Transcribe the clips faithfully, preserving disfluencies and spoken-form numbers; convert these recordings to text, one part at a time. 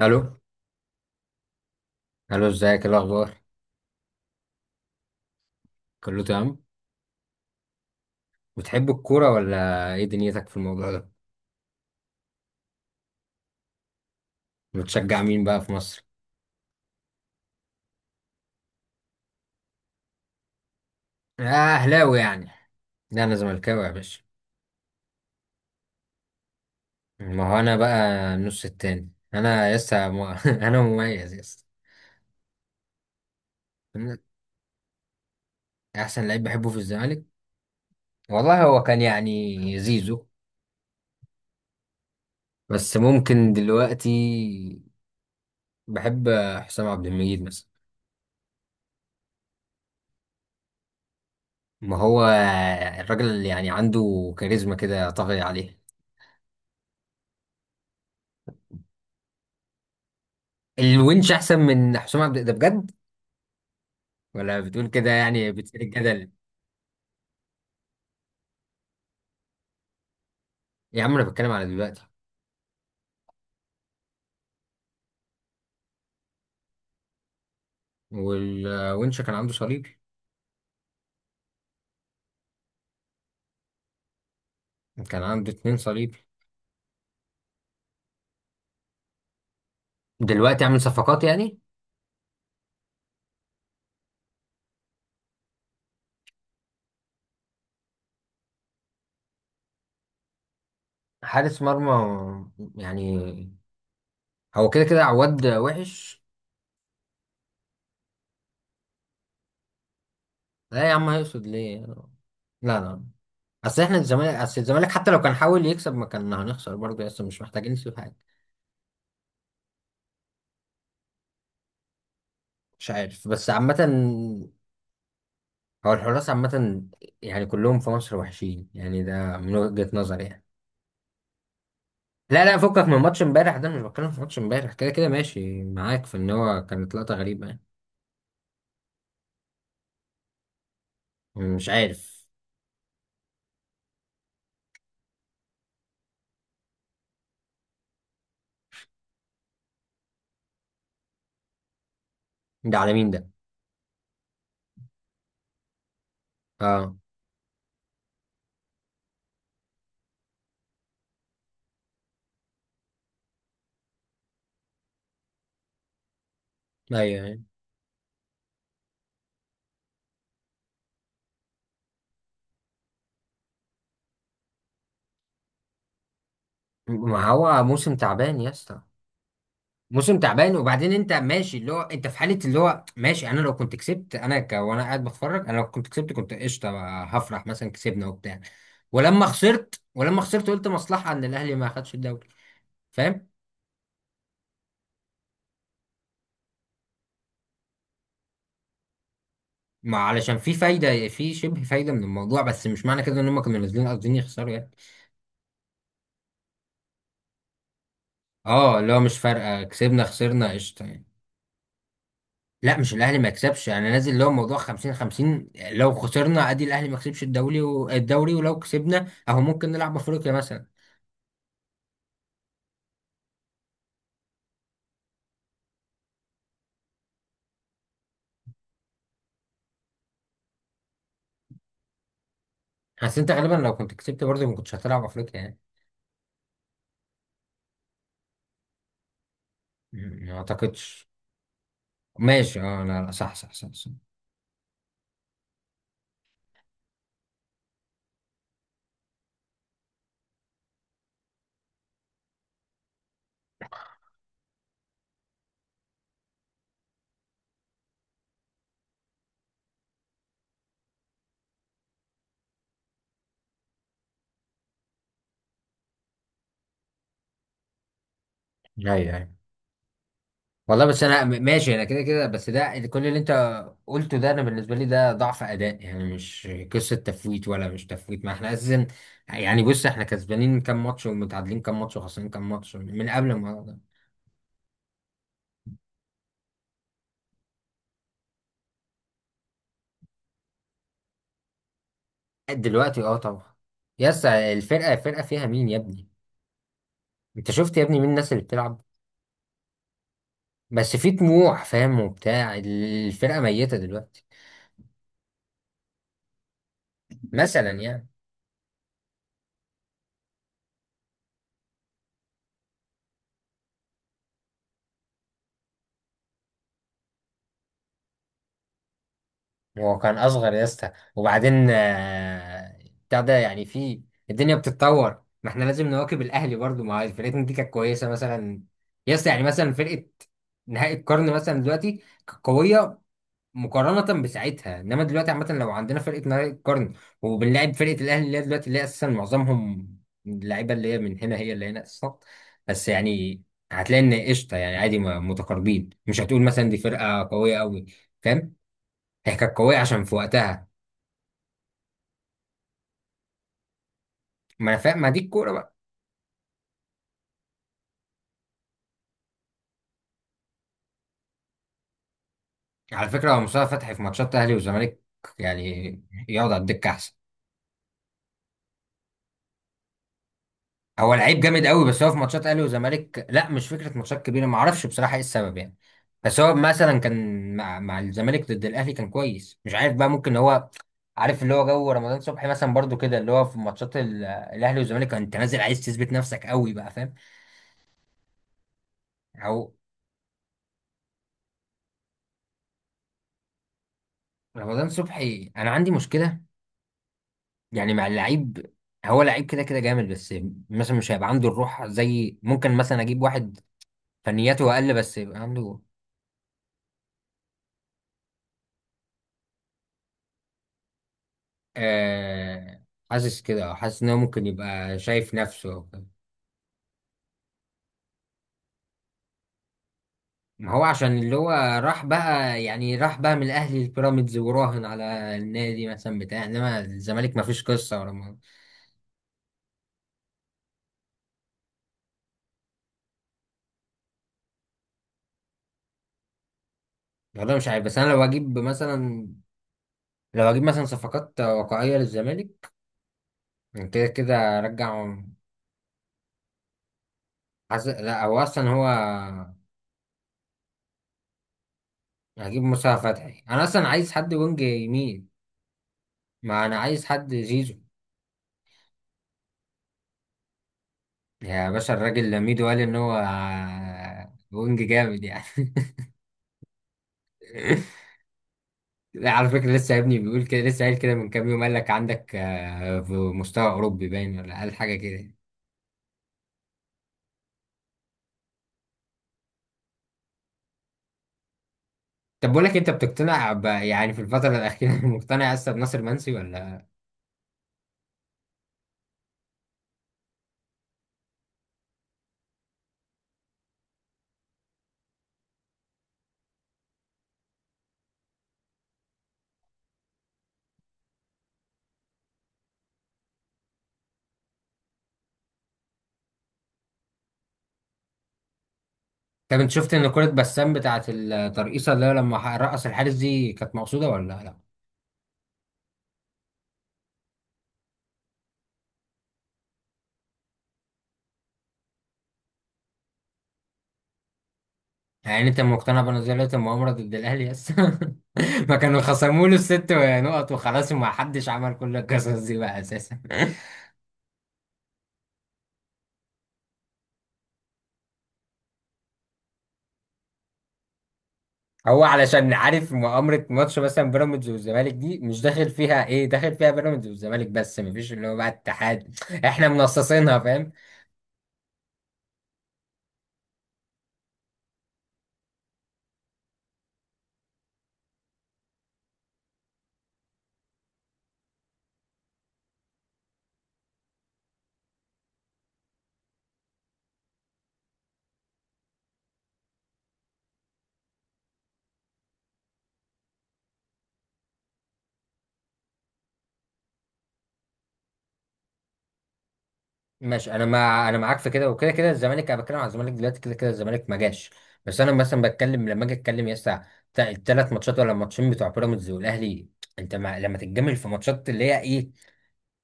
الو. الو، ازيك؟ إيه الاخبار؟ كله تمام. بتحب الكوره ولا، ايه دنيتك في الموضوع ده؟ بتشجع مين بقى في مصر؟ اه، اهلاوي يعني؟ لا انا زملكاوي يا باشا. ما هو انا بقى النص التاني، انا لسه م... انا مميز لسه. احسن لعيب بحبه في الزمالك والله هو كان يعني زيزو، بس ممكن دلوقتي بحب حسام عبد المجيد مثلا. ما هو الراجل اللي يعني عنده كاريزما كده طاغية عليه. الونش احسن من حسام عبد ده بجد، ولا بتقول كده يعني بتثير الجدل؟ يا عم انا بتكلم على دلوقتي. والونش كان عنده صليبي، كان عنده اتنين صليبي. دلوقتي عامل صفقات يعني. حارس مرمى يعني، هو كده كده عواد وحش. لا يا عم، هيقصد ليه؟ لا لا، اصل احنا الزمالك، اصل الزمالك حتى لو كان حاول يكسب ما كان هنخسر برضه، اصل مش محتاجين نسيب حاجه. مش عارف بس عامة هو الحراس عامة يعني كلهم في مصر وحشين يعني، ده من وجهة نظري يعني. لا لا فكك من ماتش امبارح، ده مش بتكلم في ماتش امبارح، كده كده ماشي معاك في ان هو كانت لقطة غريبة يعني. مش عارف. ده على مين ده؟ اه. ايوه أيوة. ما هو موسم تعبان يا اسطى. موسم تعبان، وبعدين انت ماشي اللي هو انت في حالة اللي هو ماشي. انا لو كنت كسبت انا ك... وانا قاعد بتفرج، انا لو كنت كسبت كنت قشطة بقى، هفرح مثلا كسبنا وبتاع. ولما خسرت، ولما خسرت قلت مصلحة ان الاهلي ما خدش الدوري. فاهم؟ ما علشان في فايدة، في شبه فايدة من الموضوع، بس مش معنى كده ان هم كانوا نازلين قاصدين يخسروا يعني. اه، اللي هو مش فارقه، كسبنا خسرنا قشطه يعني. لا مش الاهلي ما يكسبش، انا نازل اللي هو موضوع خمسين خمسين، لو خسرنا ادي الاهلي ما كسبش الدوري و... الدوري، ولو كسبنا اهو ممكن نلعب افريقيا مثلا. بس انت غالبا لو كنت كسبت برضه ما كنتش هتلعب افريقيا يعني. م- ما اعتقدش. ماشي، اه لا لا، صح صح صح، صح. ايوه أيوة. والله بس انا م- ماشي، انا كده كده، بس ده اللي- كل اللي انت قلته ده انا بالنسبه لي ده ضعف اداء يعني، مش قصه تفويت ولا مش تفويت، ما احنا اساسا. يعني بص، احنا كسبانين كام ماتش ومتعادلين كام ماتش وخسرانين كام ماتش من قبل ما. دلوقتي اه طبعا. يس، الفرقه، الفرقه فيها مين يا ابني؟ انت شفت يا ابني مين الناس اللي بتلعب؟ بس في طموح فاهم وبتاع، الفرقه ميته دلوقتي. مثلا يعني. هو كان اصغر يا اسطى، وبعدين آه، بتاع ده يعني. في الدنيا بتتطور، ما احنا لازم نواكب الاهلي برضو. ما هي فرقتنا دي كانت كويسه مثلا يا اسطى، يعني مثلا فرقه نهائي القرن مثلا. دلوقتي كانت قويه مقارنه بساعتها، انما دلوقتي عامه لو عندنا فرقه نهائي القرن وبنلعب فرقه الاهلي اللي هي دلوقتي، اللي هي اساسا معظمهم اللعيبه اللي هي من هنا هي اللي هنا اساسا، بس يعني هتلاقي ان قشطه يعني، عادي م- متقاربين، مش هتقول مثلا دي فرقه قويه قوي. فاهم؟ هي كانت قوية عشان في وقتها. ما انا فاهم، ما دي الكورة بقى. على فكرة هو مصطفى فتحي في ماتشات اهلي وزمالك يعني يقعد على الدكة احسن. هو لعيب جامد قوي، بس هو في ماتشات اهلي وزمالك لا مش فكرة ماتشات كبيرة، ما اعرفش بصراحة ايه السبب يعني. بس هو مثلا كان مع مع الزمالك ضد الاهلي كان كويس، مش عارف بقى، ممكن هو عارف اللي هو جو رمضان صبحي مثلا برضو كده، اللي هو في ماتشات ال- الاهلي والزمالك انت نازل عايز تثبت نفسك قوي بقى. فاهم؟ او رمضان صبحي انا عندي مشكلة يعني مع اللعيب. هو لعيب كده كده جامد، بس مثلا مش هيبقى عنده الروح، زي ممكن مثلا اجيب واحد فنياته اقل بس يبقى عنده. آه، حاسس كده، أو حاسس ان هو ممكن يبقى شايف نفسه أو كده. ما هو عشان اللي هو راح بقى يعني، راح بقى من الاهلي البيراميدز وراهن على النادي مثلا بتاع، انما الزمالك ما فيش قصه ولا ما. والله مش عارف، بس انا لو اجيب مثلا، لو اجيب مثلا صفقات واقعيه للزمالك كده كده ارجع. حاسس لا هو اصلا هو. هجيب مصطفى فتحي، انا اصلا عايز حد وينج يمين. ما انا عايز حد زيزو. يا باشا الراجل لميدو قال ان هو وينج جامد يعني. لا على فكره لسه يا ابني بيقول كده، لسه قايل كده من كام يوم، قال لك عندك آه، في مستوى اوروبي باين، ولا قال حاجه كده. طب بقول لك إيه، انت بتقتنع ب... يعني في الفتره الاخيره مقتنع لسه بناصر منسي ولا؟ طب انت شفت ان كره بسام بتاعه الترقيصه اللي هو لما ح- رقص الحارس دي كانت مقصوده ولا لا؟ يعني انت مقتنع بنظريه المؤامره ضد الاهلي لسه؟ ما كانوا خصموا له الست نقط وخلاص، وما حدش عمل كل القصص دي بقى اساسا. هو علشان عارف، مؤامرة ماتش مثلا بيراميدز والزمالك دي، مش داخل فيها ايه، داخل فيها بيراميدز والزمالك، بس مفيش اللي هو بقى اتحاد، احنا منصصينها. فاهم؟ ماشي انا مع، انا معاك في كده، وكده كده الزمالك، انا بتكلم على الزمالك دلوقتي، كده كده الزمالك ما جاش. بس انا مثلا بتكلم لما اجي اتكلم يا اسطى، الثلاث ماتشات ولا الماتشين بتوع بيراميدز والاهلي، انت ما... لما تتجمل في ماتشات اللي هي ايه،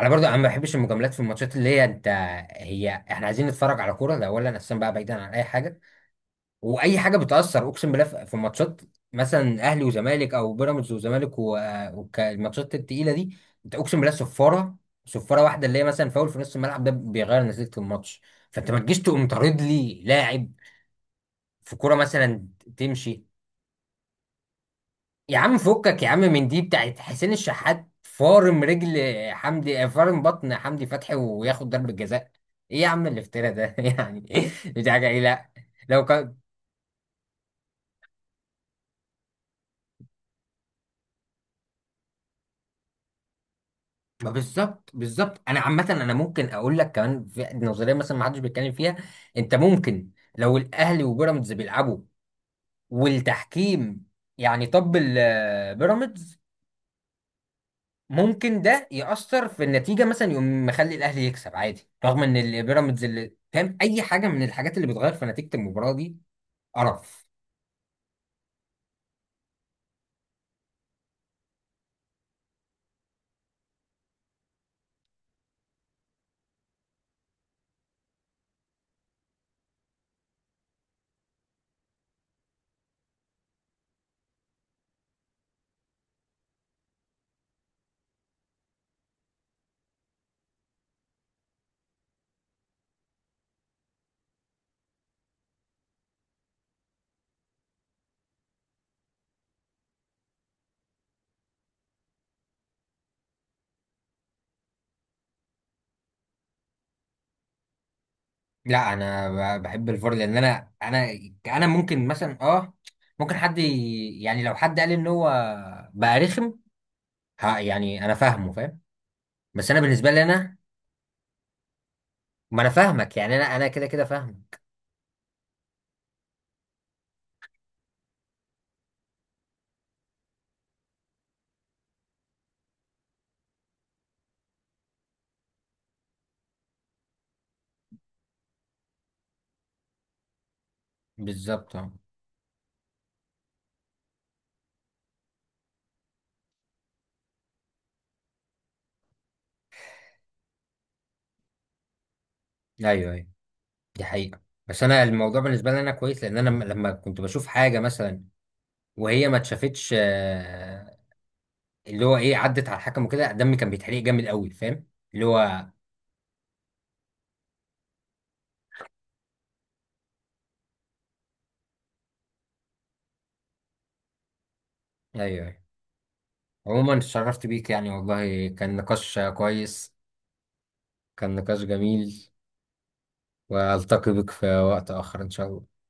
انا برضو انا ما بحبش المجاملات في الماتشات اللي هي انت. هي احنا عايزين نتفرج على كوره ده اولا اساسا بقى بعيدا عن اي حاجه، واي حاجه بتاثر. اقسم بالله في في ماتشات مثلا اهلي وزمالك او بيراميدز وزمالك و- والماتشات التقيله دي، انت اقسم بالله صفاره، صفاره واحده اللي هي مثلا فاول في نص الملعب ده بيغير نتيجه الماتش. فانت ما تجيش تقوم طارد لي لاعب في كوره مثلا تمشي. يا عم فكك يا عم من دي بتاعت حسين الشحات فارم رجل حمدي، فارم بطن حمدي فتحي وياخد ضربة جزاء. ايه يا عم الافتراء ده؟ يعني دي حاجة ايه؟ لا لو كان. ما بالظبط، بالظبط. انا عامة انا ممكن اقول لك كمان في نظرية مثلا ما حدش بيتكلم فيها. انت ممكن، لو الاهلي وبيراميدز بيلعبوا والتحكيم، يعني طب، بيراميدز ممكن ده يأثر في النتيجة مثلا، يقوم مخلي الأهلي يكسب عادي رغم إن البيراميدز اللي فاهم أي حاجة من الحاجات اللي بتغير في نتيجة المباراة دي. قرف. لا أنا ب- بحب الفار، لأن أنا أنا أنا ممكن مثلا أه، ممكن حد ي- يعني لو حد قال إن هو بقى رخم، ها يعني أنا فاهمه. فاهم؟ بس أنا بالنسبة لي أنا. ما أنا فاهمك يعني، أنا أنا كده كده فاهم. بالظبط أه. أيوه أيوه، دي حقيقة. بس أنا الموضوع بالنسبة لي أنا كويس، لأن أنا لما كنت بشوف حاجة مثلا وهي ما اتشافتش، آه، اللي هو ايه، عدت على الحكم وكده دمي كان بيتحرق جامد قوي. فاهم؟ اللي هو. ايوه أيوة. عموما اتشرفت بيك يعني، والله كان نقاش كويس، كان نقاش جميل، والتقي بك في وقت اخر ان شاء الله.